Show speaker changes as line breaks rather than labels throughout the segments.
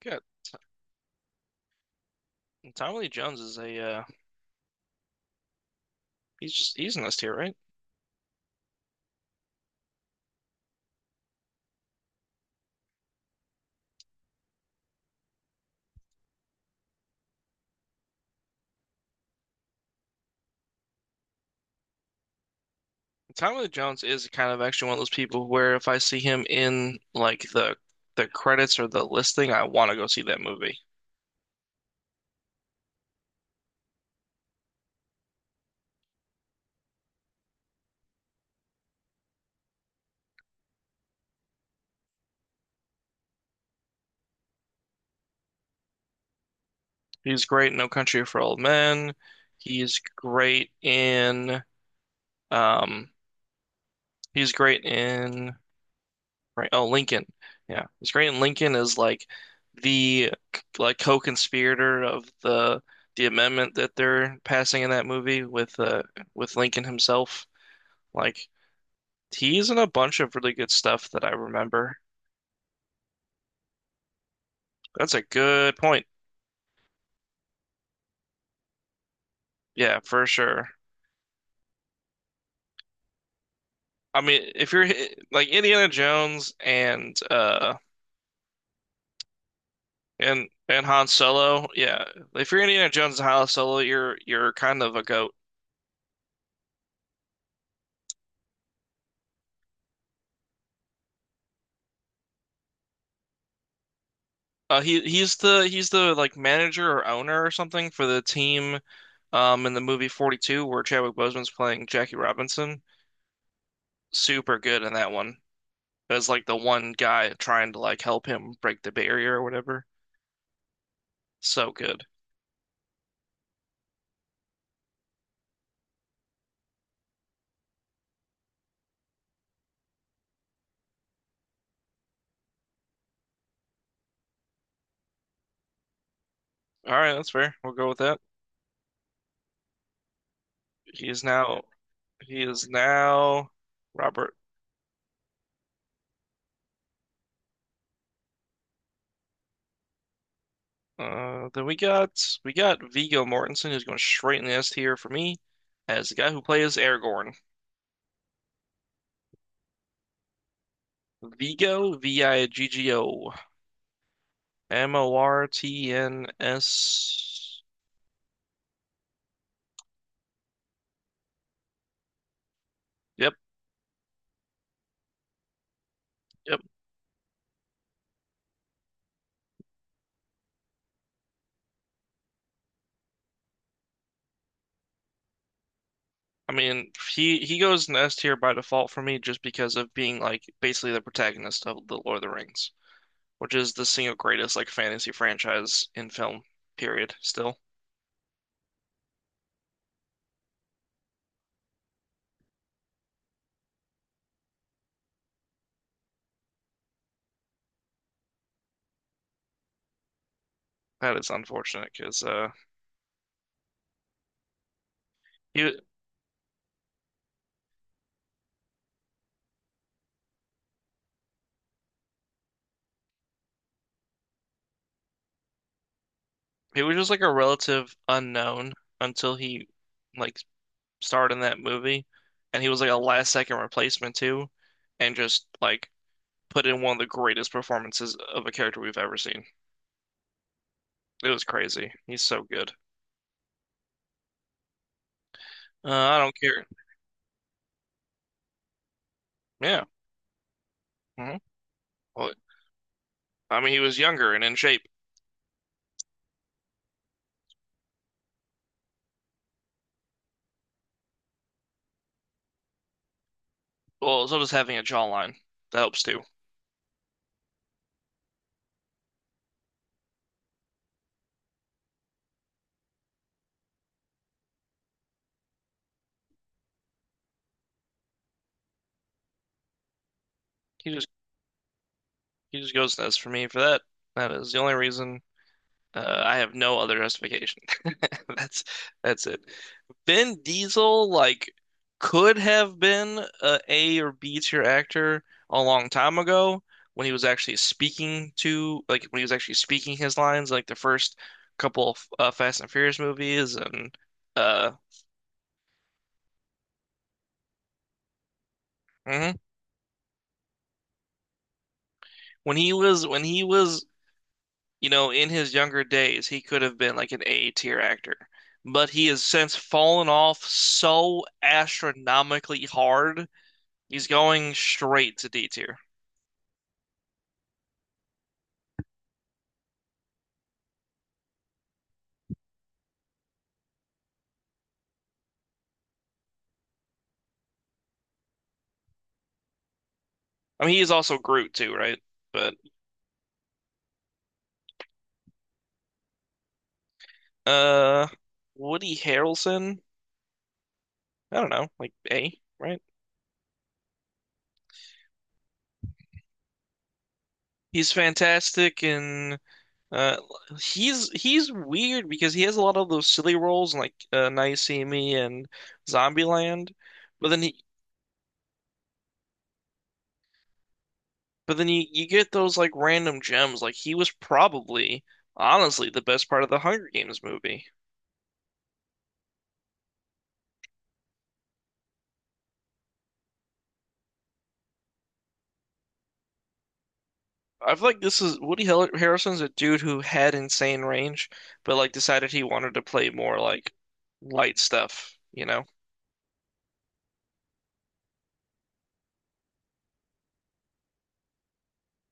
Good. Tommy Lee Jones is a he's just he's an this tier, right? Tommy Lee Jones is kind of actually one of those people where if I see him in like the credits or the listing, I want to go see that movie. He's great in No Country for Old Men. He's great in um he's great in right, oh, Lincoln. Yeah. He's great in Lincoln is like the like co-conspirator of the amendment that they're passing in that movie with Lincoln himself. Like he's in a bunch of really good stuff that I remember. That's a good point. Yeah, for sure. I mean, if you're like Indiana Jones and Han Solo, yeah. If you're Indiana Jones and Han Solo, you're kind of a goat. He's the like manager or owner or something for the team, in the movie 42 where Chadwick Boseman's playing Jackie Robinson. Super good in that one. As like the one guy trying to like help him break the barrier or whatever. So good. All right, that's fair. We'll go with that. He is now he is now Robert. Then we got Viggo Mortensen, who's going straight in the S tier for me, as the guy who plays Aragorn. Viggo, Viggo, Mortns. Yep, yep. I mean, he goes in the S tier by default for me, just because of being like basically the protagonist of the Lord of the Rings, which is the single greatest like fantasy franchise in film. Period. Still. That is unfortunate because he he was just like a relative unknown until he like starred in that movie, and he was like a last second replacement too, and just like put in one of the greatest performances of a character we've ever seen. It was crazy. He's so good. I don't care. Yeah. hmm Well, I mean, he was younger and in shape. Well, so does having a jawline. That helps too. He just he just goes nuts for me for that. That is the only reason. I have no other justification. That's that's it. Vin Diesel like could have been a A or B tier actor a long time ago when he was actually speaking his lines like the first couple of Fast and Furious movies and uh mhm. When he was in his younger days he could have been like an A tier actor. But he has since fallen off so astronomically hard. He's going straight to D tier. I mean, he's also Groot too, right? But uh, Woody Harrelson, I don't know, like A, right? He's fantastic and uh, he's weird because he has a lot of those silly roles like Now You See Me and Zombieland, but then he but then you get those like random gems. Like he was probably honestly the best part of the Hunger Games movie. I feel like this is Woody Harrelson's a dude who had insane range, but like decided he wanted to play more like light stuff, you know?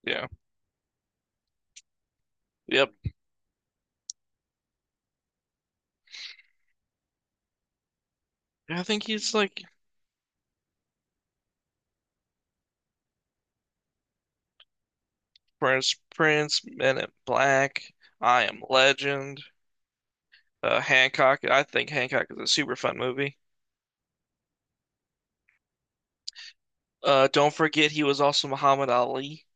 Yeah. Yep. I think he's like Prince, Men in Black, I Am Legend, Hancock. I think Hancock is a super fun movie. Don't forget he was also Muhammad Ali.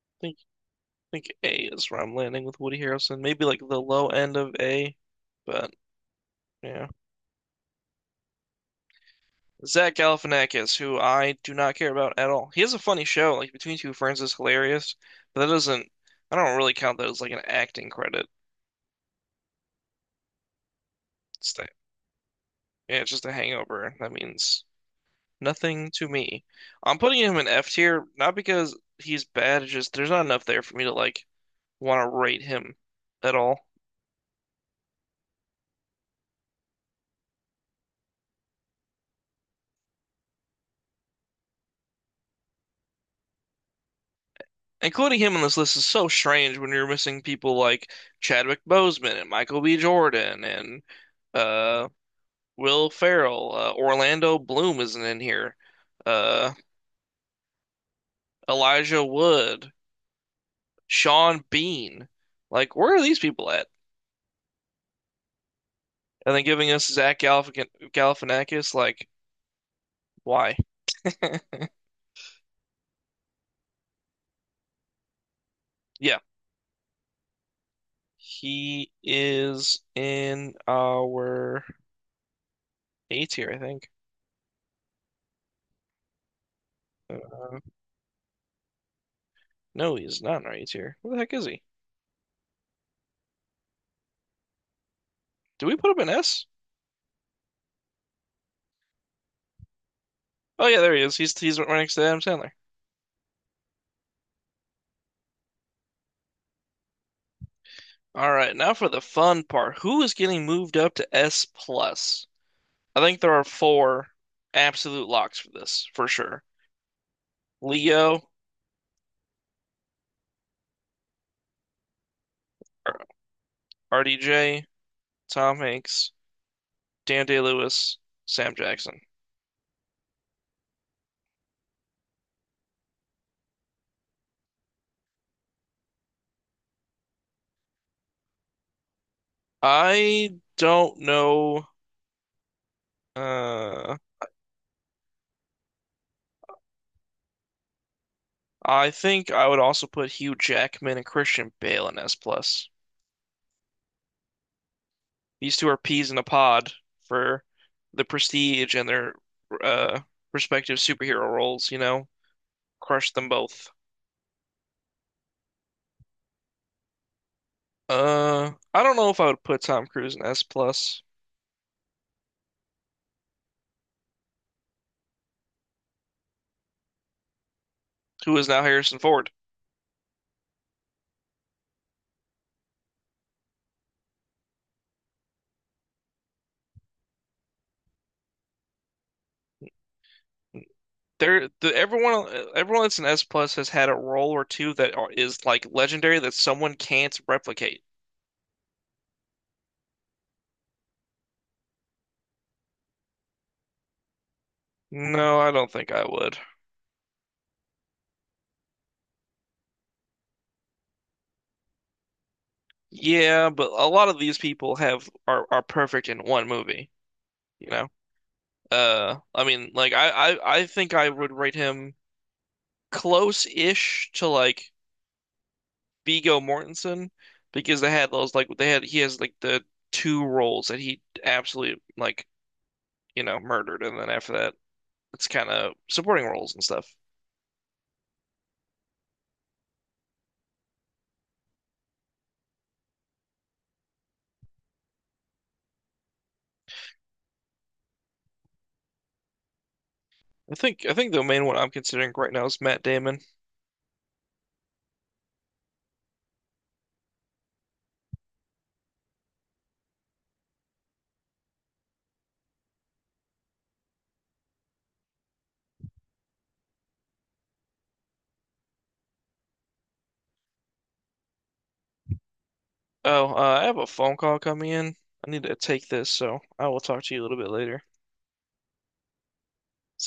I think A is where I'm landing with Woody Harrelson. Maybe like the low end of A, but yeah. Zach Galifianakis, who I do not care about at all. He has a funny show, like Between Two Ferns is hilarious, but that doesn't, I don't really count that as like an acting credit. It's the- yeah, it's just a hangover. That means nothing to me. I'm putting him in F tier, not because he's bad, it's just there's not enough there for me to like want to rate him at all. Including him on this list is so strange when you're missing people like Chadwick Boseman and Michael B. Jordan and uh Will Ferrell, Orlando Bloom isn't in here. Uh, Elijah Wood, Sean Bean. Like, where are these people at? And then giving us Zach Galifianakis. Like, why? Yeah, he is in our A tier, I think. Uh, no, he's not in our A tier. Where the heck is he? Do we put him in S? Oh yeah, there he is. He's right next to Adam Sandler. All right, now for the fun part. Who is getting moved up to S plus? I think there are four absolute locks for this, for sure. Leo, R- RDJ, Tom Hanks, Dan Day-Lewis, Sam Jackson. I don't know. Uh, I think I would also put Hugh Jackman and Christian Bale in S plus. These two are peas in a pod for the prestige and their uh, respective superhero roles, you know? Crush them both. I don't know if I would put Tom Cruise in S plus, who is now Harrison Ford. There, the, everyone, everyone that's an S plus has had a role or two is like legendary that someone can't replicate. No, I don't think I would. Yeah, but a lot of these people have are perfect in one movie, you know? I mean, like I think I would rate him close-ish to like Viggo Mortensen because they had those like they had he has like the two roles that he absolutely like, murdered and then after that it's kind of supporting roles and stuff. I think the main one I'm considering right now is Matt Damon. Oh, I have a phone call coming in. I need to take this, so I will talk to you a little bit later.